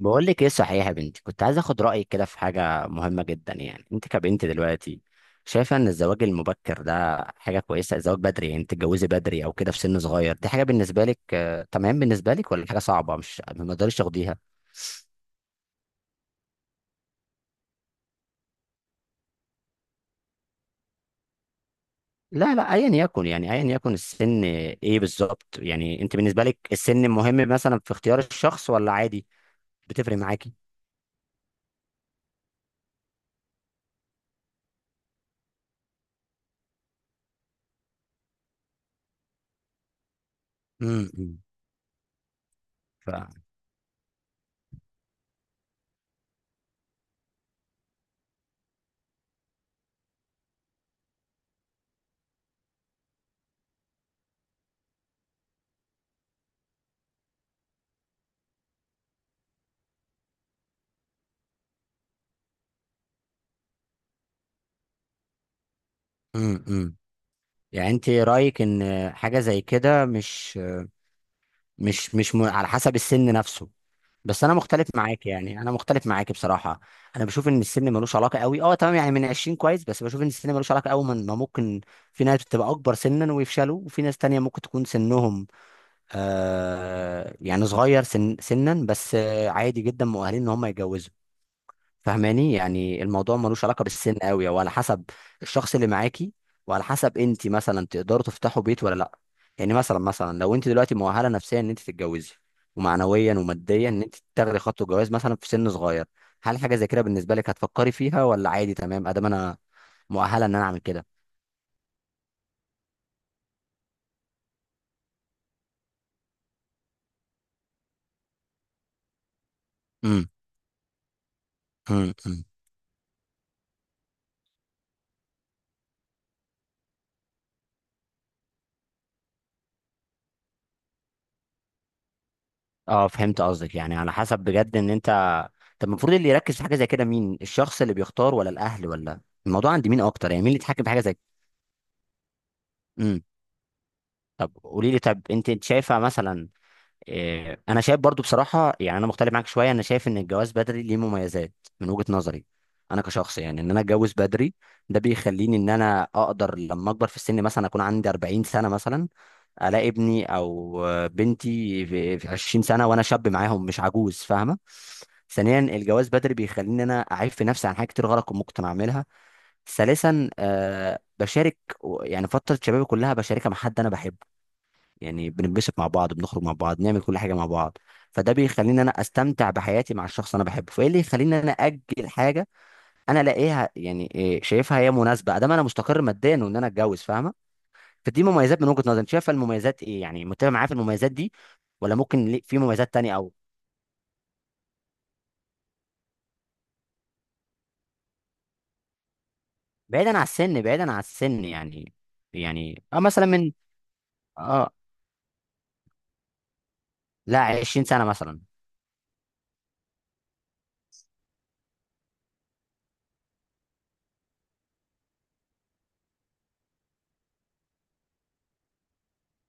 بقول لك ايه صحيح يا بنتي، كنت عايز اخد رايك كده في حاجه مهمه جدا. يعني انت كبنت دلوقتي شايفه ان الزواج المبكر ده حاجه كويسه؟ الزواج بدري يعني تتجوزي بدري او كده في سن صغير، دي حاجه بالنسبه لك تمام بالنسبه لك ولا حاجه صعبه مش ما تقدريش تاخديها؟ لا ايا يكن، يعني ايا يكن السن، ايه بالظبط يعني انت بالنسبه لك السن مهم مثلا في اختيار الشخص ولا عادي؟ بتفرق معاكي؟ امم ف امم يعني انت رايك ان حاجه زي كده مش مش مش م... على حسب السن نفسه؟ بس انا مختلف معاك، يعني انا مختلف معاك بصراحه. انا بشوف ان السن ملوش علاقه قوي. اه تمام، يعني من 20 كويس، بس بشوف ان السن ملوش علاقه قوي. من ما ممكن في ناس بتبقى اكبر سنا ويفشلوا، وفي ناس تانية ممكن تكون سنهم يعني صغير، سنا بس عادي جدا مؤهلين ان هم يتجوزوا. فاهماني؟ يعني الموضوع ملوش علاقه بالسن قوي، هو على حسب الشخص اللي معاكي، وعلى حسب انت مثلا تقدروا تفتحوا بيت ولا لا. يعني مثلا لو انت دلوقتي مؤهله نفسيا ان انت تتجوزي، ومعنويا وماديا ان انت تاخدي خطوه جواز مثلا في سن صغير، هل حاجه زي كده بالنسبه لك هتفكري فيها ولا عادي تمام ادام انا مؤهله ان انا اعمل كده؟ امم. امم. أمم. اه، فهمت قصدك. يعني على حسب بجد ان انت، طب المفروض اللي يركز في حاجه زي كده مين؟ الشخص اللي بيختار ولا الاهل ولا؟ الموضوع عند مين اكتر؟ يعني مين اللي يتحكم في حاجه زي كده؟ طب قولي لي، طب انت شايفه مثلا؟ اه، انا شايف برضو بصراحه، يعني انا مختلف معاك شويه. انا شايف ان الجواز بدري ليه مميزات من وجهه نظري. انا كشخص، يعني ان انا اتجوز بدري ده بيخليني ان انا اقدر لما اكبر في السن، مثلا اكون عندي 40 سنه مثلا، الاقي ابني او بنتي في 20 سنه وانا شاب معاهم، مش عجوز. فاهمه؟ ثانيا، الجواز بدري بيخليني انا اعيب في نفسي عن حاجات كتير غلط كنت ممكن اعملها. ثالثا، بشارك يعني فتره شبابي كلها، بشاركها مع حد انا بحبه. يعني بننبسط مع بعض، بنخرج مع بعض، نعمل كل حاجه مع بعض. فده بيخليني انا استمتع بحياتي مع الشخص اللي انا بحبه. فايه اللي يخليني انا اجل حاجه انا الاقيها، يعني شايفها هي مناسبه ادام انا مستقر ماديا وان انا اتجوز؟ فاهمه؟ فدي مميزات من وجهه نظري. انت شايفه المميزات ايه؟ يعني متفق معايا في المميزات دي ولا ممكن في مميزات تانية او؟ بعيدا عن السن، بعيدا عن السن، يعني يعني اه مثلا من، اه لا 20 سنه مثلا.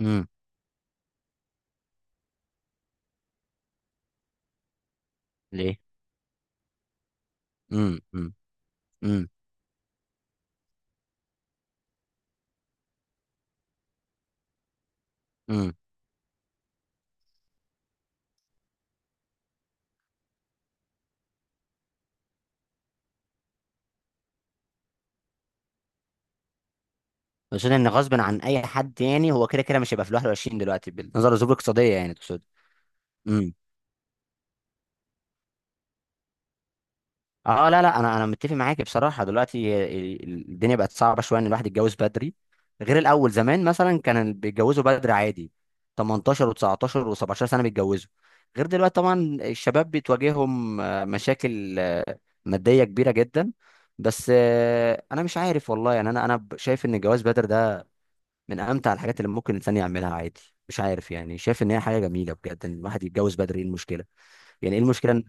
امم. ليه؟ امم. امم. امم. اقصد ان غصب عن اي حد، يعني هو كده كده مش هيبقى في ال 21 دلوقتي بالنظر لظروف اقتصاديه، يعني تقصد؟ امم. اه، لا انا متفق معاك بصراحه. دلوقتي الدنيا بقت صعبه شويه ان الواحد يتجوز بدري. غير الاول زمان مثلا كان اللي بيتجوزوا بدري عادي، 18 و19 و17 سنه بيتجوزوا. غير دلوقتي طبعا الشباب بتواجههم مشاكل ماديه كبيره جدا. بس انا مش عارف والله. يعني انا انا شايف ان الجواز بدري ده من امتع الحاجات اللي ممكن الانسان يعملها عادي. مش عارف، يعني شايف ان هي حاجه جميله بجد ان الواحد يتجوز بدري، ايه المشكله؟ يعني ايه المشكله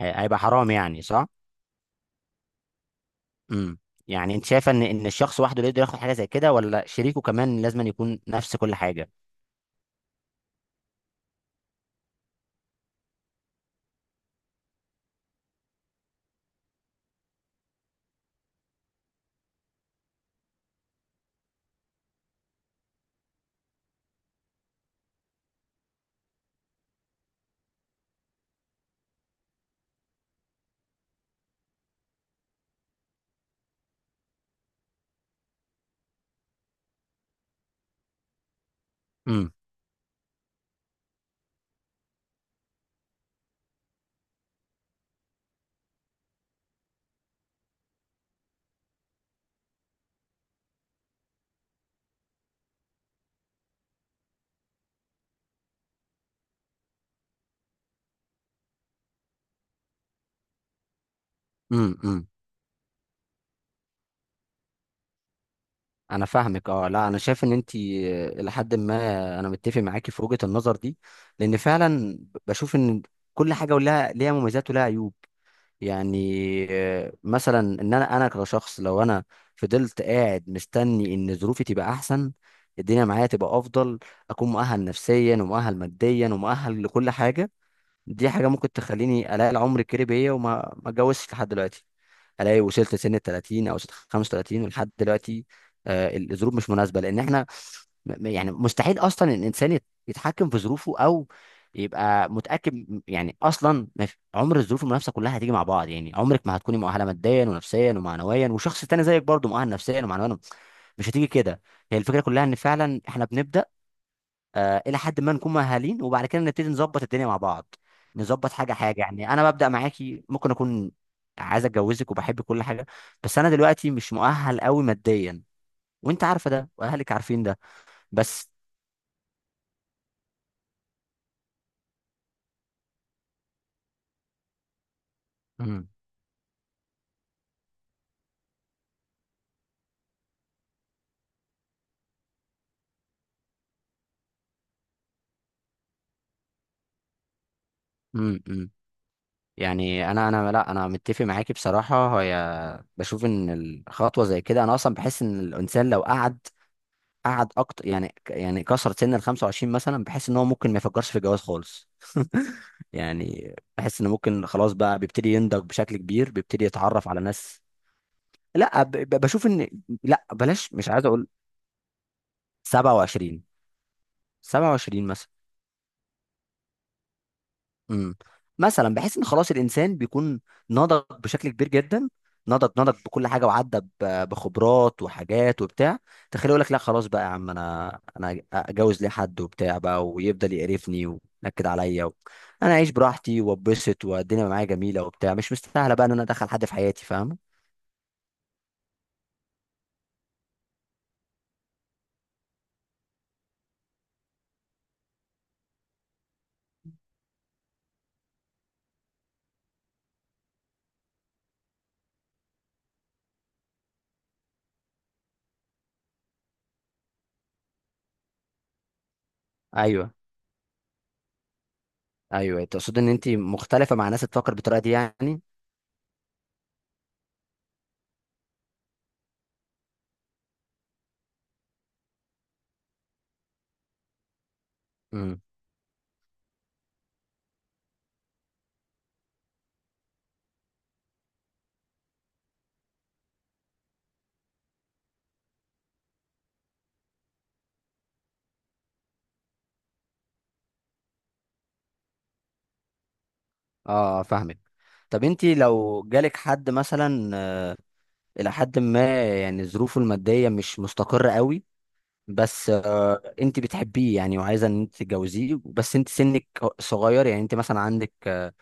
هي- هيبقى حرام يعني، صح؟ امم. يعني انت شايفه ان ان الشخص وحده اللي يقدر ياخد حاجه زي كده ولا شريكه كمان لازم أن يكون نفس كل حاجه؟ امم. امم. امم. انا فاهمك. اه لا، انا شايف ان انت الى حد ما انا متفق معاكي في وجهه النظر دي، لان فعلا بشوف ان كل حاجه ولها ليها مميزات ولها عيوب. يعني مثلا ان انا كشخص لو انا فضلت قاعد مستني ان ظروفي تبقى احسن، الدنيا معايا تبقى افضل، اكون مؤهل نفسيا ومؤهل ماديا ومؤهل لكل حاجه، دي حاجه ممكن تخليني الاقي العمر الكريم بيا وما ما اتجوزش لحد دلوقتي. الاقي وصلت سن ال 30 او 35 ولحد دلوقتي الظروف مش مناسبه، لان احنا يعني مستحيل اصلا الانسان يتحكم في ظروفه او يبقى متاكد يعني اصلا ما عمر الظروف المنافسه كلها هتيجي مع بعض. يعني عمرك ما هتكوني مؤهله ماديا ونفسيا ومعنويا، وشخص تاني زيك برضه مؤهل نفسيا ومعنويا، مش هتيجي كده. هي الفكره كلها ان فعلا احنا بنبدا آه الى حد ما نكون مؤهلين، وبعد كده نبتدي نظبط الدنيا مع بعض، نظبط حاجه حاجه. يعني انا ببدا معاكي، ممكن اكون عايز اتجوزك وبحب كل حاجه، بس انا دلوقتي مش مؤهل قوي ماديا، وانت عارفه ده واهلك عارفين ده. بس. امم. أمم. يعني انا لا انا متفق معاكي بصراحه. هي بشوف ان الخطوه زي كده، انا اصلا بحس ان الانسان لو قعد اكتر، يعني يعني كسر سن ال 25 مثلا، بحس ان هو ممكن ما يفكرش في الجواز خالص. يعني بحس انه ممكن خلاص بقى بيبتدي ينضج بشكل كبير، بيبتدي يتعرف على ناس. لا، بشوف ان، لا بلاش، مش عايز اقول. 27، 27 مثلا. امم. مثلا بحيث ان خلاص الانسان بيكون نضج بشكل كبير جدا، نضج بكل حاجه، وعدى بخبرات وحاجات وبتاع. تخيل يقول لك لا خلاص بقى يا عم، انا اتجوز ليه حد وبتاع بقى ويفضل يقرفني وينكد عليا و انا اعيش براحتي واتبسط، والدنيا معايا جميله وبتاع، مش مستاهله بقى ان انا ادخل حد في حياتي، فاهم؟ ايوه. ايوه، تقصد ان انت مختلفه مع ناس بتفكر بالطريقه دي يعني؟ امم. اه فاهمك. طب انت لو جالك حد مثلا الى حد ما يعني ظروفه الماديه مش مستقره قوي، بس انت بتحبيه يعني وعايزه ان انت تتجوزيه، بس انت سنك صغير، يعني انت مثلا عندك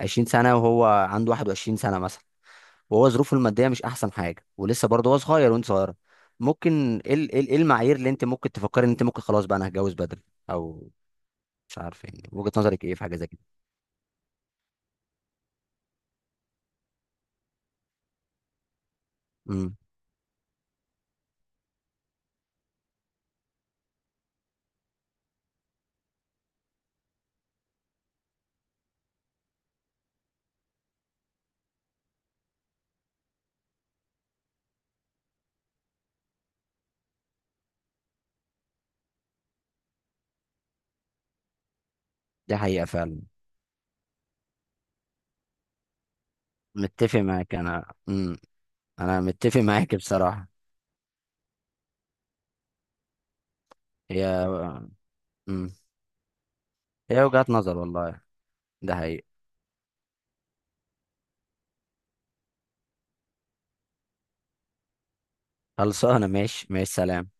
20 سنه وهو عنده 21 سنه مثلا، وهو ظروفه الماديه مش احسن حاجه، ولسه برضه هو صغير وانت صغيره، ممكن ايه ايه إيه المعايير اللي انت ممكن تفكري ان انت ممكن خلاص بقى انا هتجوز بدري او؟ مش عارف، يعني وجهه نظرك ايه في حاجه زي كده؟ امم. دي حقيقه فعلا. متفق معاك انا. امم. انا متفق معاك بصراحه. هي. امم. هي وجهة نظر والله. ده حقيقي. خلصانة؟ ماشي ماشي، سلام.